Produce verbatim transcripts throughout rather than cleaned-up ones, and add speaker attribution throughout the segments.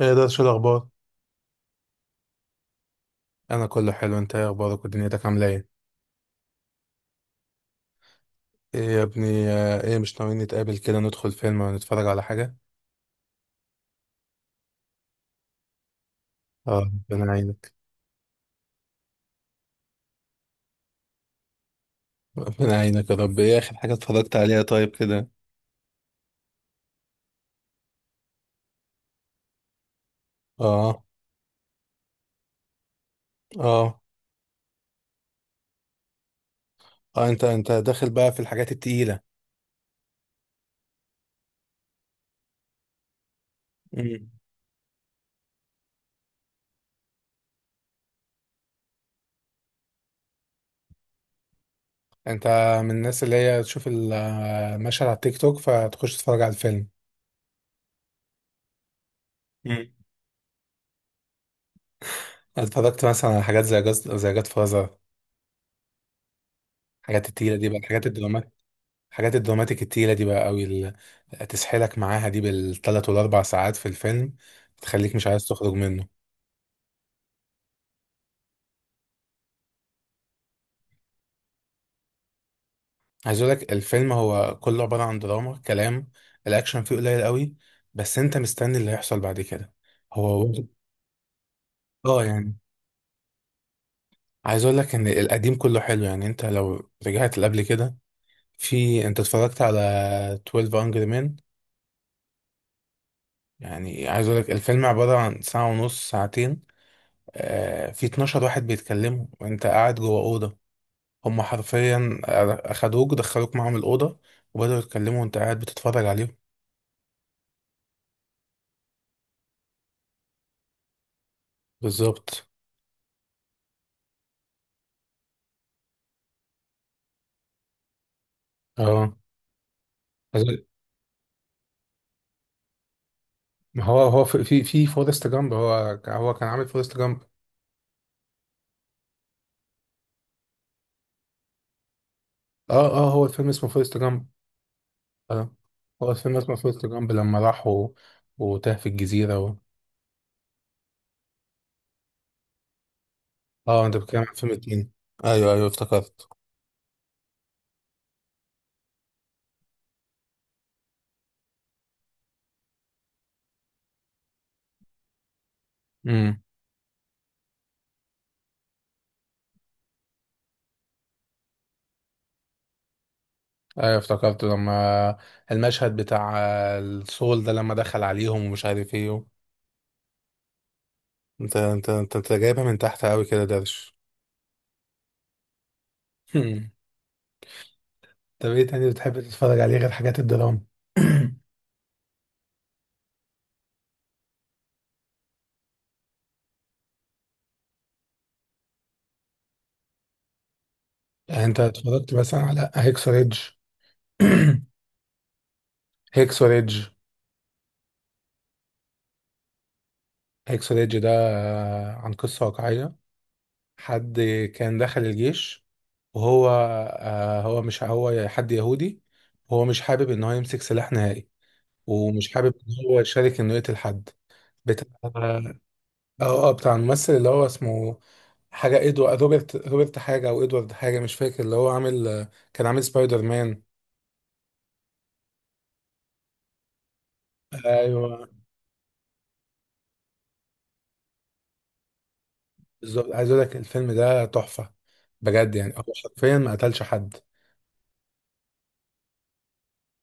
Speaker 1: ايه ده، شو الاخبار؟ انا كله حلو. انت ايه اخبارك، ودنيتك عامله ايه؟ ايه يا ابني، آه، ايه مش ناويين نتقابل كده، ندخل فيلم ونتفرج على حاجه؟ اه، ربنا يعينك. ربنا يعينك يا رب. ايه اخر حاجه اتفرجت عليها طيب كده؟ اه، اه، اه، انت انت داخل بقى في الحاجات التقيله. امم. انت من الناس اللي هي تشوف المشهد على التيك توك فتخش تتفرج على الفيلم؟ امم. اتفرجت مثلا على حاجات زي جاز، زي جاد فازر؟ الحاجات التقيله دي بقى، الحاجات الدراما. حاجات الدراماتيك التقيلة دي بقى قوي، اللي تسحلك معاها دي بالثلاث والاربع ساعات في الفيلم، تخليك مش عايز تخرج منه. عايز اقول لك الفيلم هو كله عبارة عن دراما كلام. الاكشن فيه قليل قوي، بس انت مستني اللي هيحصل بعد كده. هو واخد- اه يعني، عايز اقول لك ان القديم كله حلو. يعني انت لو رجعت لقبل كده، في انت اتفرجت على اتناشر Angry Men؟ يعني عايز اقول لك الفيلم عبارة عن ساعة ونص، ساعتين. آه في اتناشر واحد بيتكلموا وانت قاعد جوه أوضة. هم حرفيا اخدوك، دخلوك معاهم الاوضه، وبداوا يتكلموا وانت قاعد بتتفرج عليهم. بالظبط. اه، ما هو هو في في في فورست جامب هو هو كان عامل فورست جامب. اه، اه، هو الفيلم اسمه فورست جامب. اه، هو الفيلم اسمه فورست جامب لما راح و... وتاه في الجزيره و... اه، انت بتتكلم عن فيلم تاني. ايوه، ايوه، افتكرت. امم. ايوه افتكرت لما المشهد بتاع السول ده لما دخل عليهم ومش عارف ايه و... انت انت انت, انت جايبها من تحت قوي كده درش. مم. طب ايه تاني بتحب تتفرج عليه غير حاجات الدراما؟ يعني انت اتفرجت مثلا على هيكسو ريدج؟ هيكسو ريدج. هيكسو ريدج ده آه، عن قصة واقعية. حد كان دخل الجيش، وهو آه، هو مش هو حد يهودي، وهو مش حابب ان هو يمسك سلاح نهائي، ومش حابب ان هو يشارك انه يقتل حد. بتاع اه، آه، بتاع الممثل اللي هو اسمه حاجة، ادوارد، روبرت روبرت حاجة، او ادوارد حاجة، مش فاكر. اللي هو عامل، كان عامل سبايدر مان. ايوه، بالظبط. عايز اقول لك الفيلم ده تحفه بجد. يعني هو حرفيا ما قتلش حد.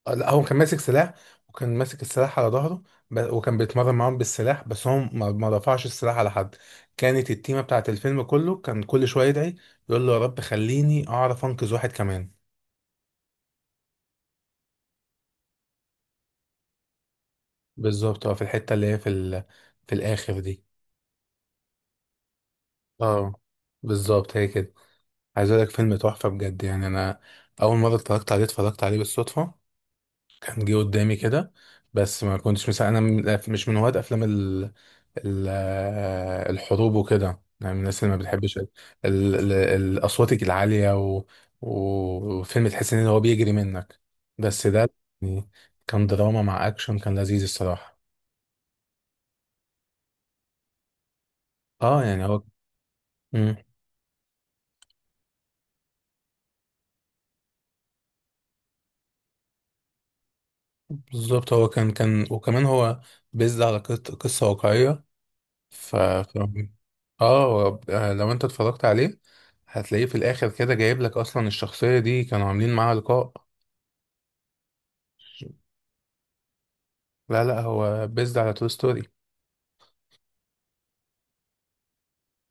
Speaker 1: آه، لا، هو كان ماسك سلاح، وكان ماسك السلاح على ظهره. ب- وكان بيتمرن معاهم بالسلاح، بس هو ما ما رفعش السلاح على حد. كانت التيمه بتاعت الفيلم كله كان كل شويه يدعي، يقول له يا رب خليني اعرف انقذ واحد كمان. بالظبط. اه، في الحته اللي هي في ال... في الاخر دي. اه، بالظبط، هي كده. عايز اقول لك، فيلم تحفه بجد. يعني انا اول مره اتفرجت عليه، اتفرجت عليه بالصدفه. كان جه قدامي كده. بس ما كنتش مسا...، انا من- مش من هواة افلام ال...، ال... آه، الحروب وكده. يعني من الناس اللي ما بتحبش ال... ال... ال... الاصوات العاليه و... وفيلم تحس ان هو بيجري منك. بس ده يعني كان دراما مع اكشن، كان لذيذ الصراحه. اه يعني هو. مم. بالظبط، هو كان كان وكمان هو بيزد على قص- قصه واقعيه. ف ف- اه، لو انت اتفرجت عليه، هتلاقيه في الاخر كده جايب لك اصلا الشخصية دي كانوا عاملين معاها لقاء. لا، لا، هو بيزد على تو ستوري.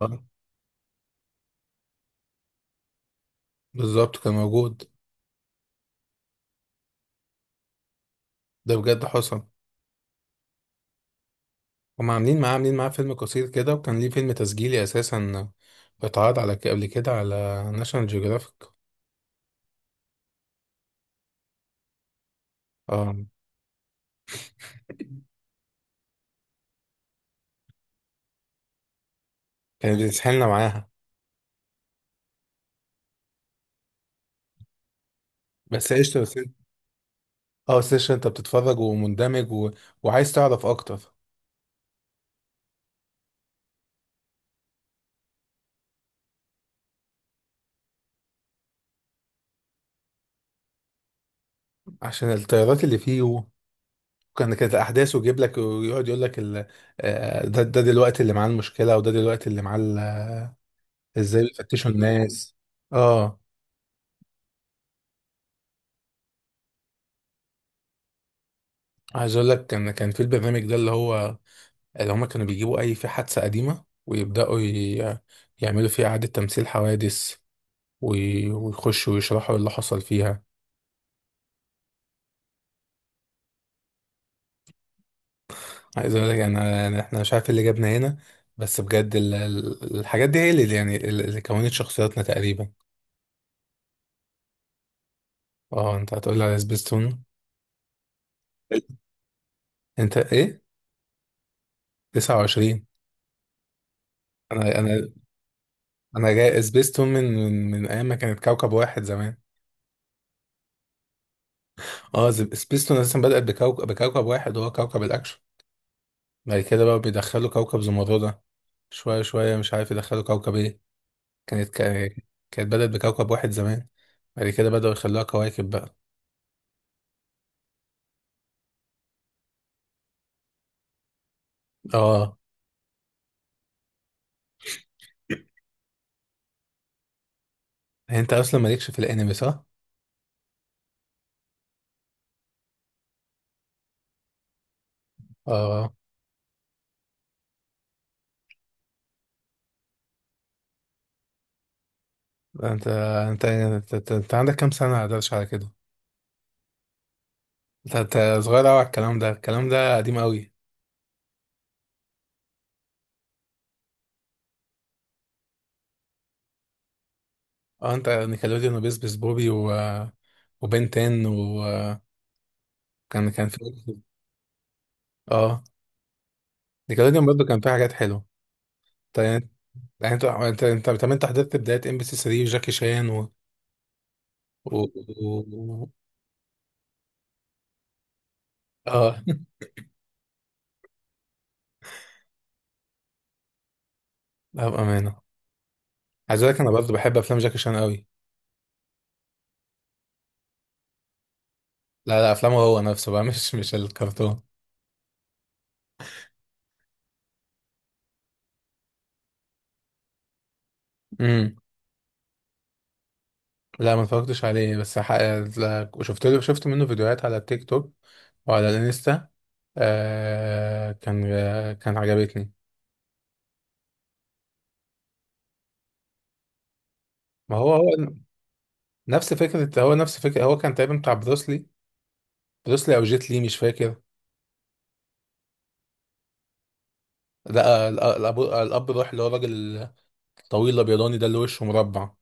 Speaker 1: اه، بالظبط، كان موجود. ده بجد حصل. هم عاملين معاه عاملين معاه فيلم قصير كده، وكان ليه فيلم تسجيلي اساسا، اتعرض على قبل كده على ناشونال جيوغرافيك. اه، كانت بتسحلنا معاها. بس قشطة، بس إنت- اه سيشن، انت بتتفرج ومندمج و... وعايز تعرف اكتر. عشان التيارات اللي فيه، كان كانت الاحداث، ويجيب لك ويقعد يقول لك ال... آه، ده، ده دلوقتي اللي معاه المشكله، وده دلوقتي اللي معاه ال-، ازاي بيفتشوا الناس. اه، عايز اقول لك كان كان في البرنامج ده اللي هو، اللي هم كانوا بيجيبوا اي في حادثه قديمه، ويبداوا ي...، يعملوا فيها اعاده تمثيل حوادث، وي... ويخشوا ويشرحوا اللي حصل فيها. عايز اقول لك انا، أنا- احنا مش عارف إيه اللي جابنا هنا. بس بجد ال...، ال- الحاجات دي هي اللي يعني اللي كونت شخصياتنا تقريبا. اه، انت هتقول لي على سبيستون. انت ايه؟ تسعة وعشرين. انا انا انا جاي سبيستون من من من ايام ما كانت كوكب واحد زمان. اه، ز- سبيستون اساسا بدأت بكوكب، بكوكب واحد، وهو كوكب الاكشن. بعد كده بقى بيدخلوا كوكب زمردة. شويه شويه مش عارف يدخلوا كوكب ايه. كانت كا- كانت بدأت بكوكب واحد زمان. بعد كده بدأوا يخلوها كواكب بقى. اه، انت اصلا مالكش في الانمي صح؟ اه، انت انت انت, انت, انت عندك كام سنه قدرش على كده؟ انت أنت صغير قوي على الكلام ده. الكلام ده قديم قوي. اه، انت نيكلوديون وبيس بيس بوبي و... وبن تن، وكان كان في. اه، نيكلوديون برضه كان فيه حاجات حلوه. طيب يعني، يعني انت انت انت، طب انت حضرت بدايه ام بي سي تلاتة وجاكي شان و, و... و... اه. لا بامانه، عايز اقول لك انا برضه بحب افلام جاكي شان قوي. لا، لا، افلامه هو نفسه بقى. مش مش الكرتون. امم. لا، ما اتفرجتش عليه بس حق...، لا، شفت له شفت منه فيديوهات على التيك توك وعلى الانستا. آه... كان، كان عجبتني. ما هو هو نفس فكرة هو نفس فكرة هو كان تقريبا بتاع بروسلي. بروسلي أو جيت لي مش فاكر. لا، ال-، الأب الأب روح، اللي هو الراجل الطويل الأبيضاني ده اللي وشه مربع،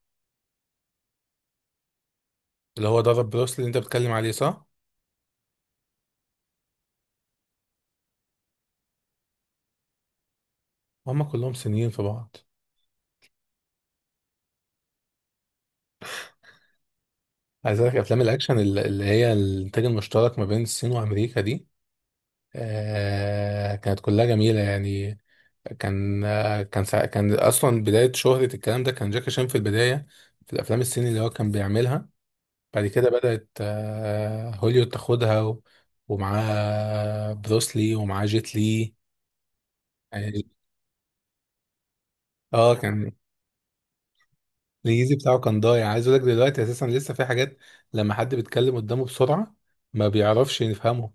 Speaker 1: اللي هو ضرب بروسلي اللي أنت بتتكلم عليه، صح؟ هما كلهم صينيين في بعض. عايز أقول لك أفلام الأكشن ال-، اللي هي الإنتاج المشترك ما بين الصين وأمريكا دي، آه كانت كلها جميلة يعني. كان آه كان سا-، كان أصلا بداية شهرة الكلام ده كان جاكي شان في البداية، في الأفلام الصيني اللي هو كان بيعملها. بعد كده بدأت آه، هوليود تاخدها و-، ومعاه بروسلي ومعاه جيت لي. يعني اه كان الانجليزي بتاعه كان ضايع. عايز اقول لك دلوقتي اساسا لسه في حاجات، لما حد بيتكلم قدامه بسرعة ما بيعرفش يفهمه.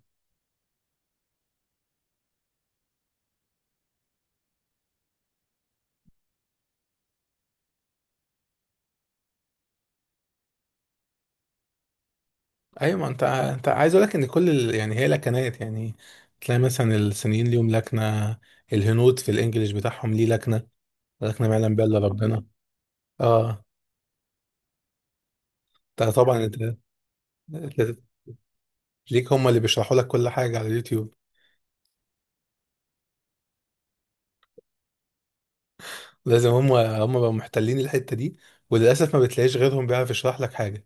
Speaker 1: ايوه، ما انت انت عايز اقول لك ان كل ال...، يعني هي لكنات يعني. تلاقي مثلا الصينيين ليهم لكنة، الهنود في الانجليش بتاعهم ليه لكنة، لكنة ما يعلم بها الا ربنا. اه، انت طبعا انت، أنت ليك هم اللي بيشرحوا لك كل حاجة على اليوتيوب. لازم، هم هم بقوا محتلين الحتة دي، وللأسف ما بتلاقيش غيرهم بيعرف يشرح لك حاجة.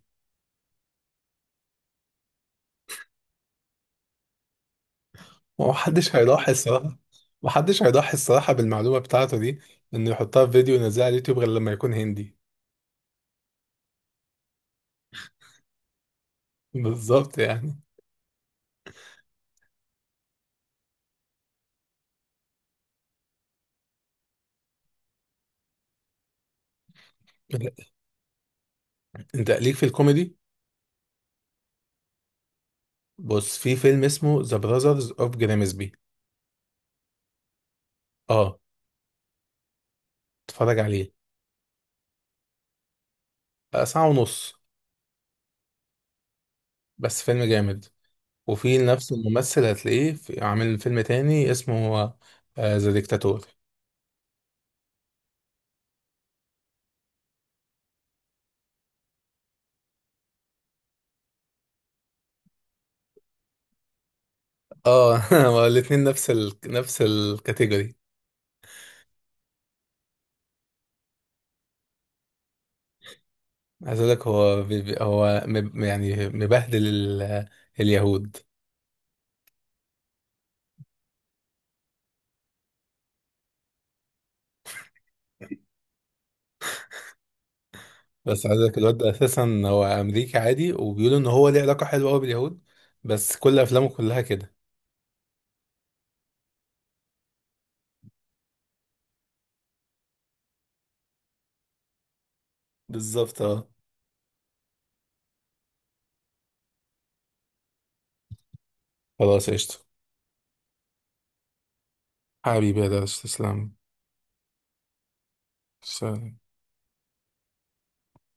Speaker 1: ومحدش هيضحي الصراحة. محدش هيضحي الصراحة بالمعلومة بتاعته دي، إنه يحطها في فيديو ينزلها على اليوتيوب، غير لما يكون هندي. بالظبط يعني. أنت ليك في الكوميدي. بص، في فيلم اسمه ذا براذرز أوف جرامسبي. أه، اتفرج عليه. آه، ساعة ونص، بس فيلم جامد. وفي نفس الممثل هتلاقيه في-، عامل فيلم تاني اسمه ذا ديكتاتور. اه. هو الاتنين نفس ال...، نفس الكاتيجوري. عايز اقول لك هو بي... بي- هو مب... يعني مبهدل ال...، اليهود. بس عايز اقول لك الواد ده اساسا هو امريكي عادي، وبيقولوا ان هو ليه علاقه حلوه قوي باليهود. بس كل افلامه كلها كده. بالظبط اه. خلاص، قشطه. حبيبي يا درش، تسلم. سلام.